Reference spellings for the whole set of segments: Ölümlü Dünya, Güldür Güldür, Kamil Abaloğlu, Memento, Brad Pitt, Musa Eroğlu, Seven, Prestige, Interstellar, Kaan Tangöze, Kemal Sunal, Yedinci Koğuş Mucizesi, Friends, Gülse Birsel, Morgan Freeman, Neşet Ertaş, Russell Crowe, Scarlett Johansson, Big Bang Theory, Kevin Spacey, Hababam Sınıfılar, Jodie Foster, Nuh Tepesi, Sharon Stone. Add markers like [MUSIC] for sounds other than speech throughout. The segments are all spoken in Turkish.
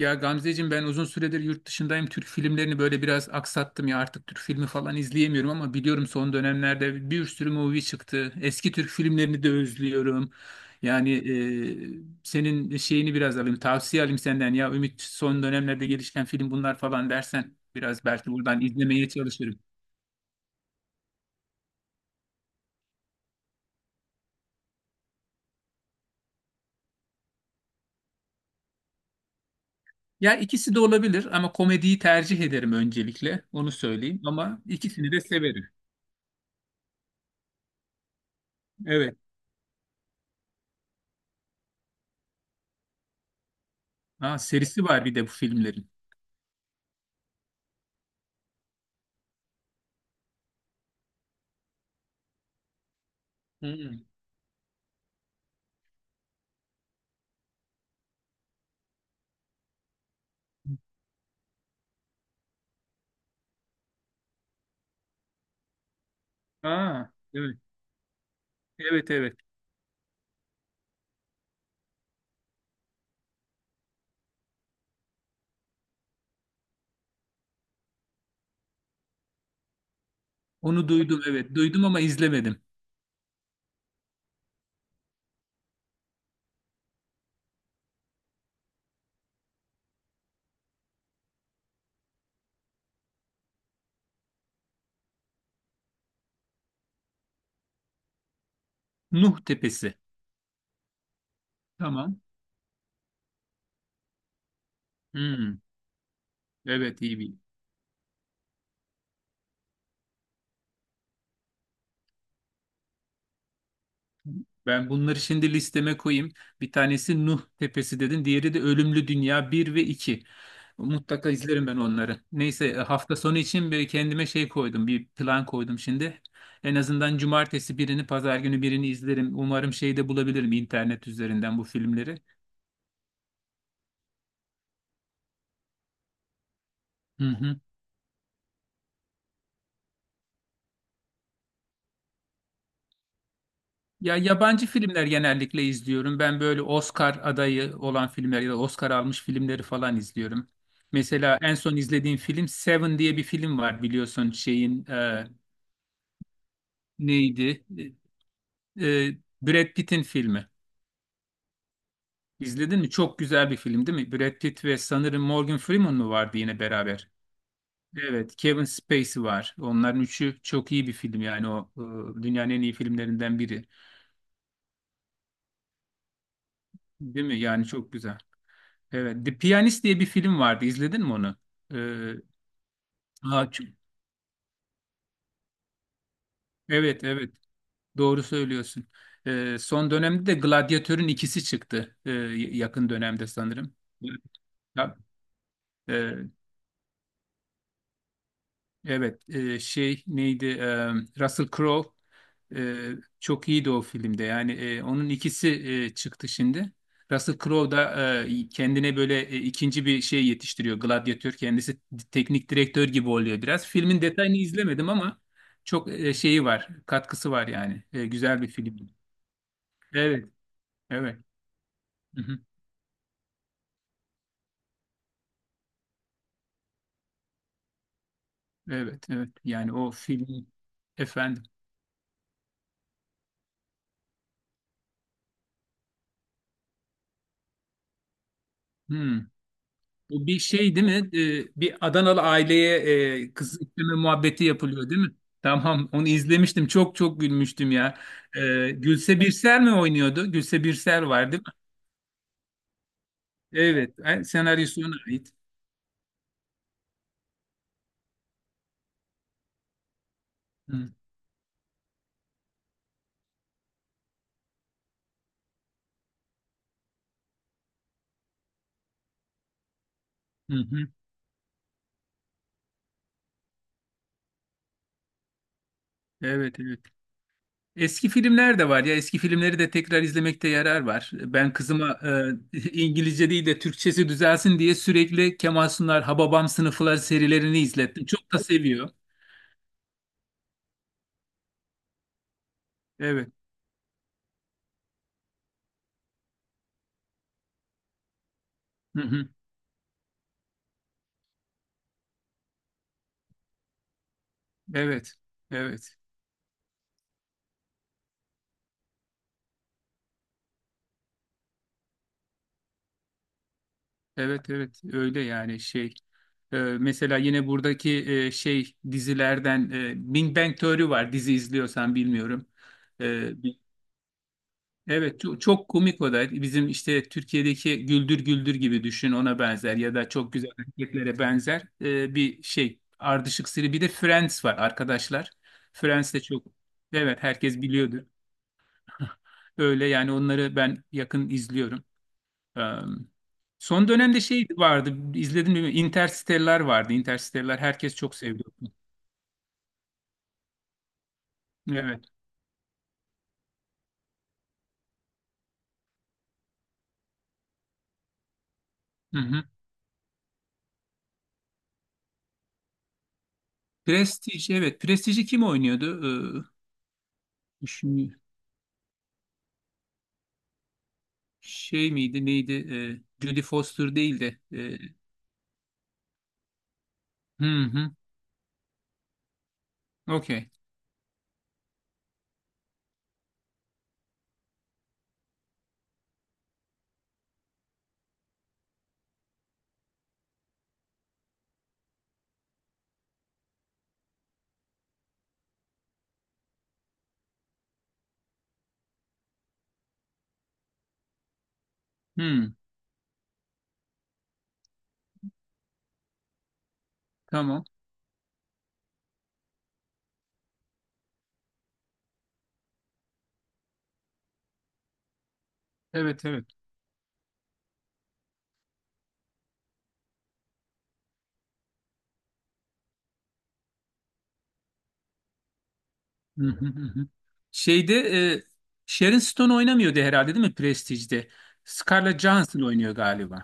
Ya Gamzeciğim ben uzun süredir yurt dışındayım. Türk filmlerini böyle biraz aksattım ya artık Türk filmi falan izleyemiyorum ama biliyorum son dönemlerde bir sürü movie çıktı. Eski Türk filmlerini de özlüyorum. Yani senin şeyini biraz alayım, tavsiye alayım senden ya Ümit, son dönemlerde gelişen film bunlar falan dersen biraz belki buradan izlemeye çalışırım. Ya ikisi de olabilir ama komediyi tercih ederim, öncelikle onu söyleyeyim, ama ikisini de severim. Evet. Aa, serisi var bir de bu filmlerin. Hı. Aa, evet. Evet evet. Onu duydum, evet. Duydum ama izlemedim. Nuh Tepesi. Tamam. Hmm, Evet iyi bir. Ben bunları şimdi listeme koyayım. Bir tanesi Nuh Tepesi dedin. Diğeri de Ölümlü Dünya bir ve iki. Mutlaka izlerim ben onları. Neyse hafta sonu için bir kendime şey koydum. Bir plan koydum şimdi. En azından cumartesi birini, pazar günü birini izlerim. Umarım şeyde bulabilirim, internet üzerinden bu filmleri. Hı hı. Ya yabancı filmler genellikle izliyorum. Ben böyle Oscar adayı olan filmler ya da Oscar almış filmleri falan izliyorum. Mesela en son izlediğim film Seven diye bir film var, biliyorsun şeyin neydi? E, e, Brad Pitt'in filmi. İzledin mi? Çok güzel bir film değil mi? Brad Pitt ve sanırım Morgan Freeman mı vardı yine beraber? Evet, Kevin Spacey var. Onların üçü çok iyi bir film, yani o dünyanın en iyi filmlerinden biri. Değil mi? Yani çok güzel. Evet, The Pianist diye bir film vardı. İzledin mi onu? Ee, aa, ç- evet, evet. Doğru söylüyorsun. Son dönemde de Gladyatör'ün ikisi çıktı. Yakın dönemde sanırım. Ya, e, evet, şey neydi? Russell Crowe. E, Çok iyiydi o filmde. Yani onun ikisi çıktı şimdi. Russell Crowe da kendine böyle ikinci bir şey yetiştiriyor. Gladyatör kendisi teknik direktör gibi oluyor biraz. Filmin detayını izlemedim ama çok şeyi var, katkısı var yani. Güzel bir film. Evet, evet. Hı hı. Evet, evet. Yani o film, efendim. Hmm. Bu bir şey değil mi? Bir Adanalı aileye kız isteme muhabbeti yapılıyor değil mi? Tamam, onu izlemiştim. Çok çok gülmüştüm ya. Gülse Birsel mi oynuyordu? Gülse Birsel var değil mi? Evet, senaryosu ona ait. Hı, hı, hı. Evet, evet. Eski filmler de var ya. Eski filmleri de tekrar izlemekte yarar var. Ben kızıma [LAUGHS] İngilizce değil de Türkçesi düzelsin diye sürekli Kemal Sunal, Hababam Sınıfılar serilerini izlettim. Çok da seviyor. Evet. Hı hı. Evet. Evet. Evet evet, öyle yani şey. Mesela yine buradaki şey dizilerden Big Bang Theory var, dizi izliyorsan bilmiyorum. Ee, bi- evet çok, çok komik o da, bizim işte Türkiye'deki Güldür Güldür gibi düşün, ona benzer ya da çok güzel hareketlere benzer bir şey, ardışık seri. Bir de Friends var, arkadaşlar. Friends de çok, evet herkes biliyordu. [LAUGHS] Öyle yani, onları ben yakın izliyorum. Ee, Son dönemde şey vardı, izledim mi? Interstellar vardı. Interstellar herkes çok seviyordu. Evet. Hı hı. Prestige, evet. Prestige'i kim oynuyordu? Şimdi şey miydi, neydi? Jodie Foster değil de. Hı hı. Okey. Hı, tamam. Evet, evet. Hı hı hı. Hı. Şeyde Sharon Stone oynamıyordu herhalde değil mi Prestige'de? Scarlett Johansson oynuyor galiba.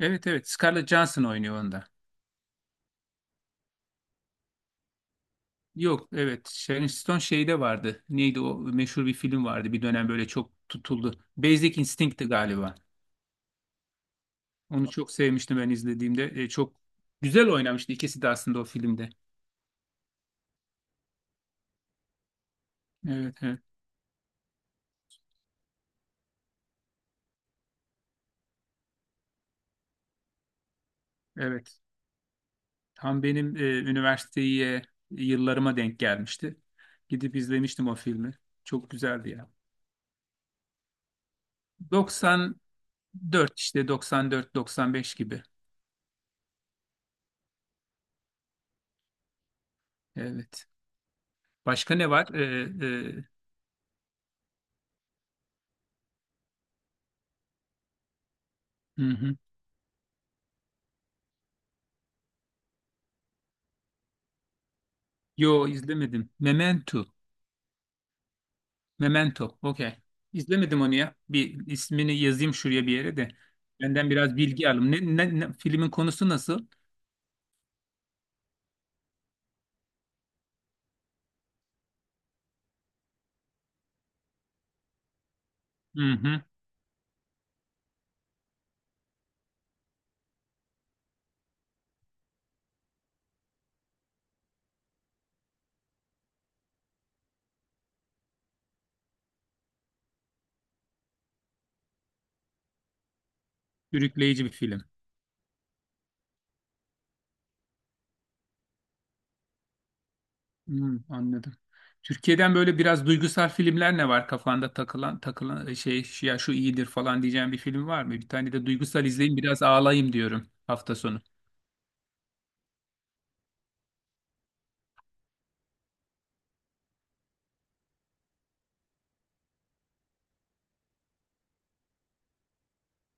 Evet, evet. Scarlett Johansson oynuyor onda. Yok, evet Sharon Stone şeyde vardı. Neydi o meşhur bir film vardı. Bir dönem böyle çok tutuldu. Basic Instinct'ti galiba. Onu çok sevmiştim ben izlediğimde. Çok güzel oynamıştı ikisi de aslında o filmde. Evet evet. Evet. Tam benim üniversiteye yıllarıma denk gelmişti. Gidip izlemiştim o filmi. Çok güzeldi ya. 94, işte 94-95 gibi. Evet. Başka ne var? Hı hı. Yo izlemedim. Memento. Memento. Okey. İzlemedim onu ya. Bir ismini yazayım şuraya bir yere de. Benden biraz bilgi alayım. Filmin konusu nasıl? Hı hı. Sürükleyici bir film. Hı, anladım. Türkiye'den böyle biraz duygusal filmler, ne var kafanda takılan takılan, şey, ya şu iyidir falan diyeceğim bir film var mı? Bir tane de duygusal izleyeyim, biraz ağlayayım diyorum hafta sonu.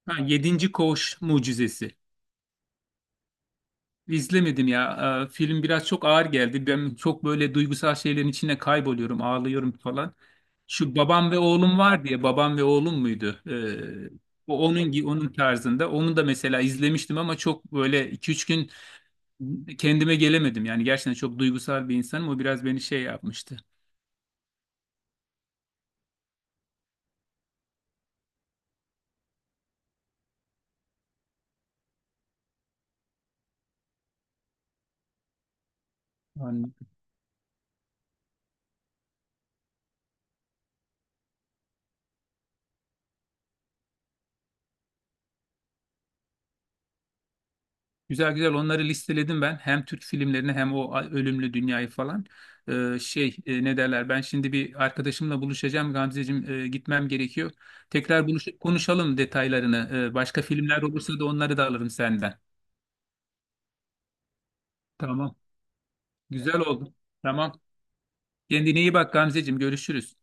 Ha, Yedinci Koğuş Mucizesi. İzlemedim ya. Film biraz çok ağır geldi. Ben çok böyle duygusal şeylerin içine kayboluyorum, ağlıyorum falan. Şu babam ve oğlum var diye, babam ve oğlum muydu? O onun tarzında. Onu da mesela izlemiştim ama çok böyle iki üç gün kendime gelemedim. Yani gerçekten çok duygusal bir insanım. O biraz beni şey yapmıştı. Hani, güzel güzel onları listeledim ben. Hem Türk filmlerini hem o Ölümlü Dünyayı falan. Şey, ne derler, ben şimdi bir arkadaşımla buluşacağım Gamzeciğim, gitmem gerekiyor. Tekrar buluş konuşalım detaylarını. Başka filmler olursa da onları da alırım senden. Tamam. Güzel oldu. Tamam. Kendine iyi bak Gamzeciğim, görüşürüz.